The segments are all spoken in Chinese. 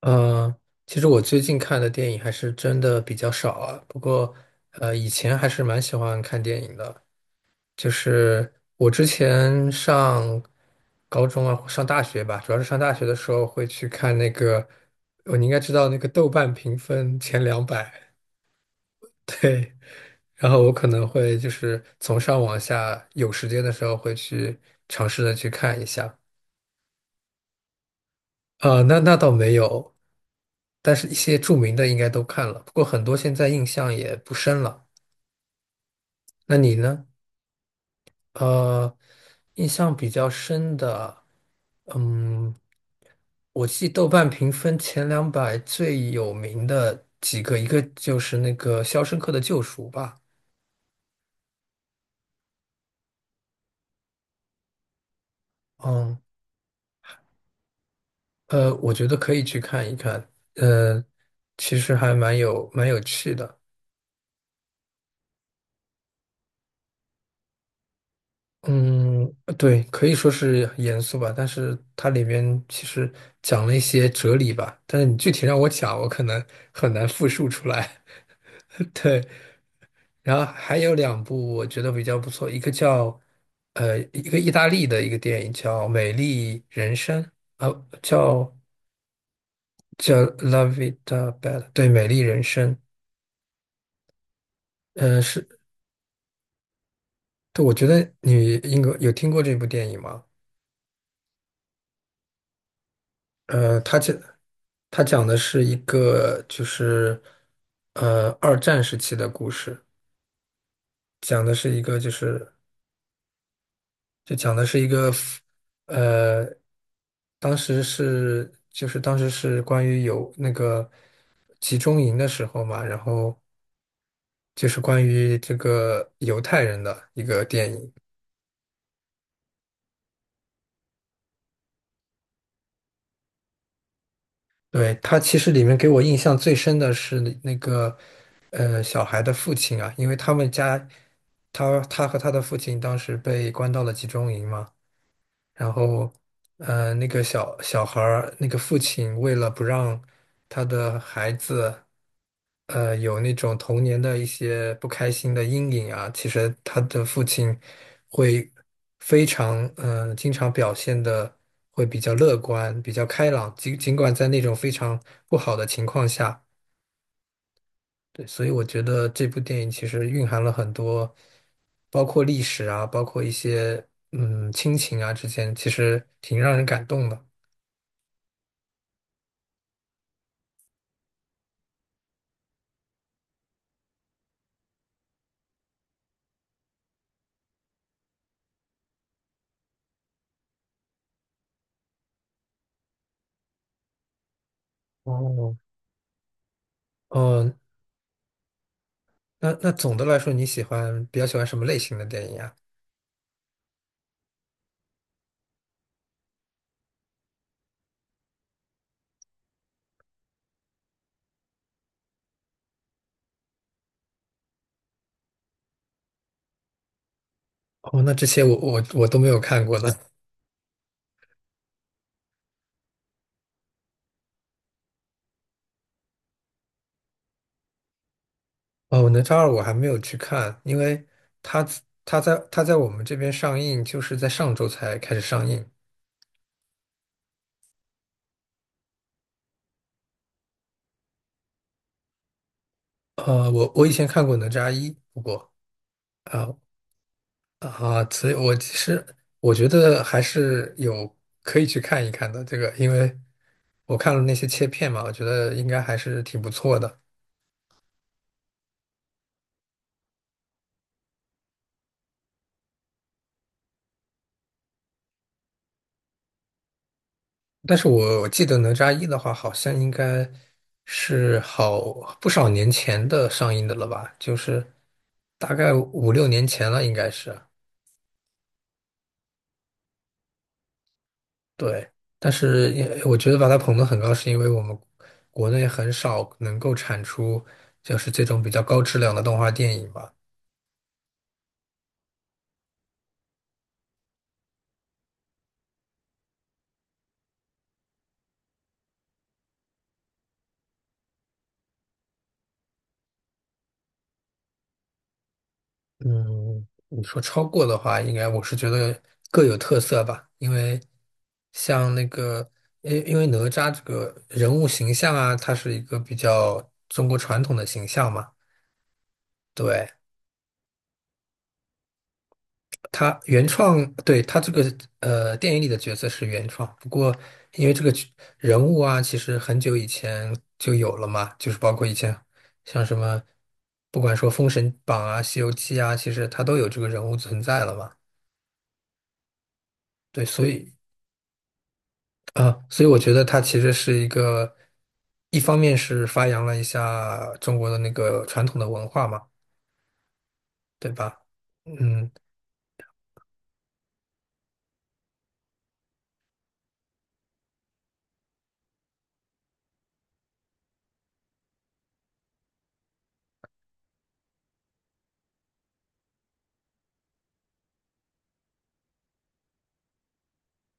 嗯，其实我最近看的电影还是真的比较少啊。不过，以前还是蛮喜欢看电影的。就是我之前上高中啊，上大学吧，主要是上大学的时候会去看那个，哦，你应该知道那个豆瓣评分前两百，对。然后我可能会就是从上往下，有时间的时候会去尝试的去看一下。那倒没有，但是一些著名的应该都看了，不过很多现在印象也不深了。那你呢？呃，印象比较深的，嗯，我记豆瓣评分前两百最有名的几个，一个就是那个《肖申克的救赎》吧。嗯，我觉得可以去看一看，呃，其实还蛮有趣的。嗯，对，可以说是严肃吧，但是它里面其实讲了一些哲理吧，但是你具体让我讲，我可能很难复述出来。对，然后还有2部我觉得比较不错，一个叫一个意大利的一个电影叫《美丽人生》啊，叫叫《La Vita Bella》,对，《美丽人生》。是，对，我觉得你应该有听过这部电影吗？呃，他讲他讲的是一个就是二战时期的故事，讲的是一个就是就讲的是一个呃，当时是关于有那个集中营的时候嘛，然后就是关于这个犹太人的一个电影。对，他其实里面给我印象最深的是那个，小孩的父亲啊，因为他们家，他和他的父亲当时被关到了集中营嘛，然后，那个小小孩儿，那个父亲为了不让他的孩子，有那种童年的一些不开心的阴影啊，其实他的父亲会非常，经常表现的会比较乐观、比较开朗，尽管在那种非常不好的情况下。对，所以我觉得这部电影其实蕴含了很多，包括历史啊，包括一些亲情啊之间，其实挺让人感动的。哦，哦，那总的来说，你比较喜欢什么类型的电影啊？哦，那这些我我我都没有看过呢。哦，哪吒二我还没有去看，因为它它在我们这边上映，就是在上周才开始上映。我以前看过哪吒一，不过。啊所以我其实我觉得还是有可以去看一看的这个，因为我看了那些切片嘛，我觉得应该还是挺不错的。但是我记得哪吒一的话，好像应该是好不少年前的上映的了吧，就是大概5、6年前了，应该是。对，但是也我觉得把它捧得很高，是因为我们国内很少能够产出就是这种比较高质量的动画电影吧。嗯，你说超过的话，应该我是觉得各有特色吧，因为像那个，因为哪吒这个人物形象啊，它是一个比较中国传统的形象嘛，对，他原创，对，他这个电影里的角色是原创，不过因为这个人物啊，其实很久以前就有了嘛，就是包括以前像什么，不管说《封神榜》啊、《西游记》啊，其实它都有这个人物存在了嘛。对，所以我觉得它其实是一个，一方面是发扬了一下中国的那个传统的文化嘛，对吧？嗯，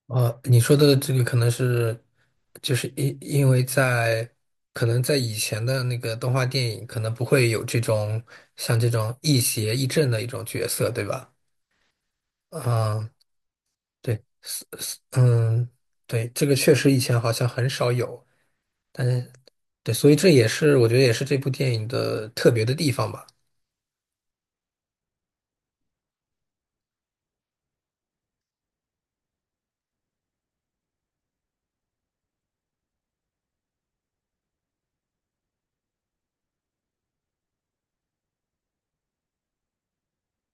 你说的这个可能是，就是因为可能在以前的那个动画电影，可能不会有像这种亦邪亦正的一种角色，对吧？啊，对，嗯，对，这个确实以前好像很少有，但是对，所以这也是我觉得也是这部电影的特别的地方吧。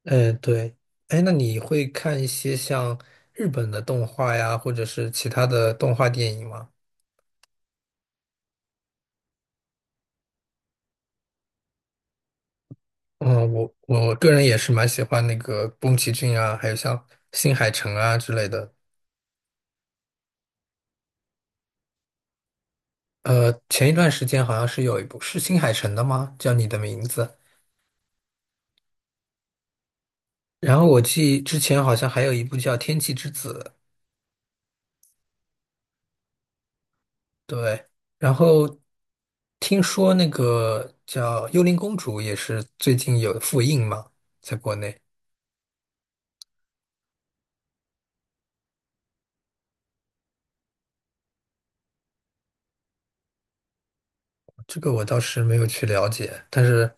嗯，对，哎，那你会看一些像日本的动画呀，或者是其他的动画电影吗？嗯，我个人也是蛮喜欢那个宫崎骏啊，还有像新海诚啊之类的。前一段时间好像是有一部是新海诚的吗？叫《你的名字》。然后我记之前好像还有一部叫《天气之子》，对。然后听说那个叫《幽灵公主》也是最近有复映嘛，在国内。这个我倒是没有去了解，但是，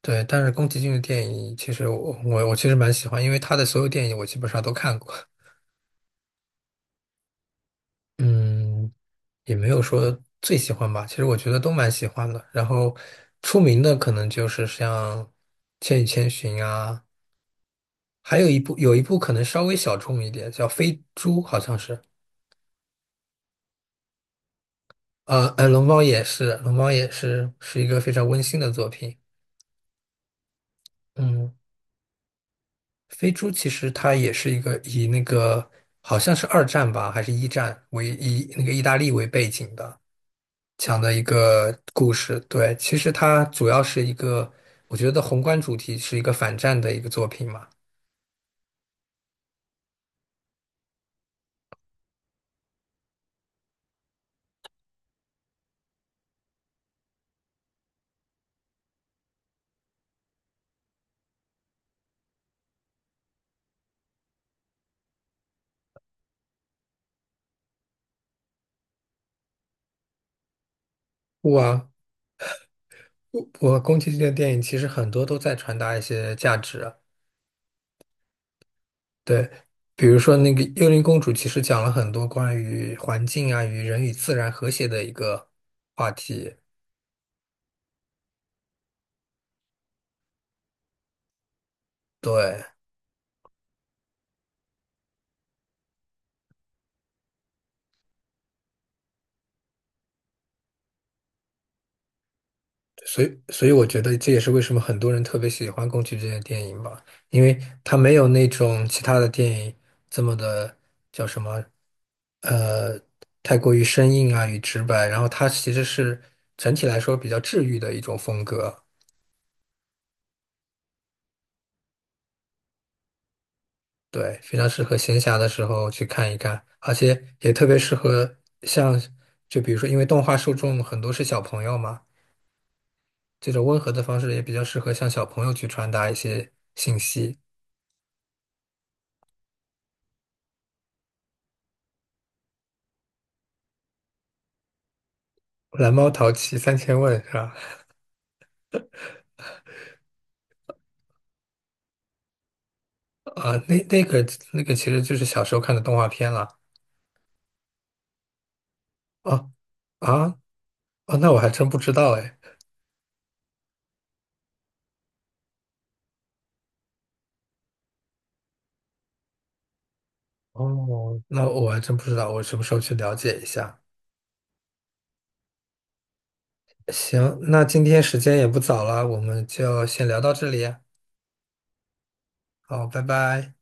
对，但是宫崎骏的电影，其实我其实蛮喜欢，因为他的所有电影我基本上都看过，嗯，也没有说最喜欢吧，其实我觉得都蛮喜欢的。然后出名的可能就是像《千与千寻》啊，还有一部有一部可能稍微小众一点，叫《飞猪》，好像是，龙猫也是一个非常温馨的作品，嗯。飞猪其实它也是一个以那个好像是二战吧，还是一战为以那个意大利为背景的讲的一个故事。对，其实它主要是一个，我觉得宏观主题是一个反战的一个作品嘛。我我宫崎骏的电影其实很多都在传达一些价值啊，对，比如说那个《幽灵公主》，其实讲了很多关于环境啊与人与自然和谐的一个话题。对。所以我觉得这也是为什么很多人特别喜欢宫崎骏的电影吧，因为他没有那种其他的电影这么的叫什么，呃，太过于生硬啊与直白，然后它其实是整体来说比较治愈的一种风格，对，非常适合闲暇的时候去看一看，而且也特别适合像，就比如说，因为动画受众很多是小朋友嘛，这种温和的方式也比较适合向小朋友去传达一些信息。蓝猫淘气三千问是吧？啊，那那个那个其实就是小时候看的动画片了。啊啊哦，那我还真不知道哎。哦，那我还真不知道，我什么时候去了解一下？行，那今天时间也不早了，我们就先聊到这里啊。好，拜拜。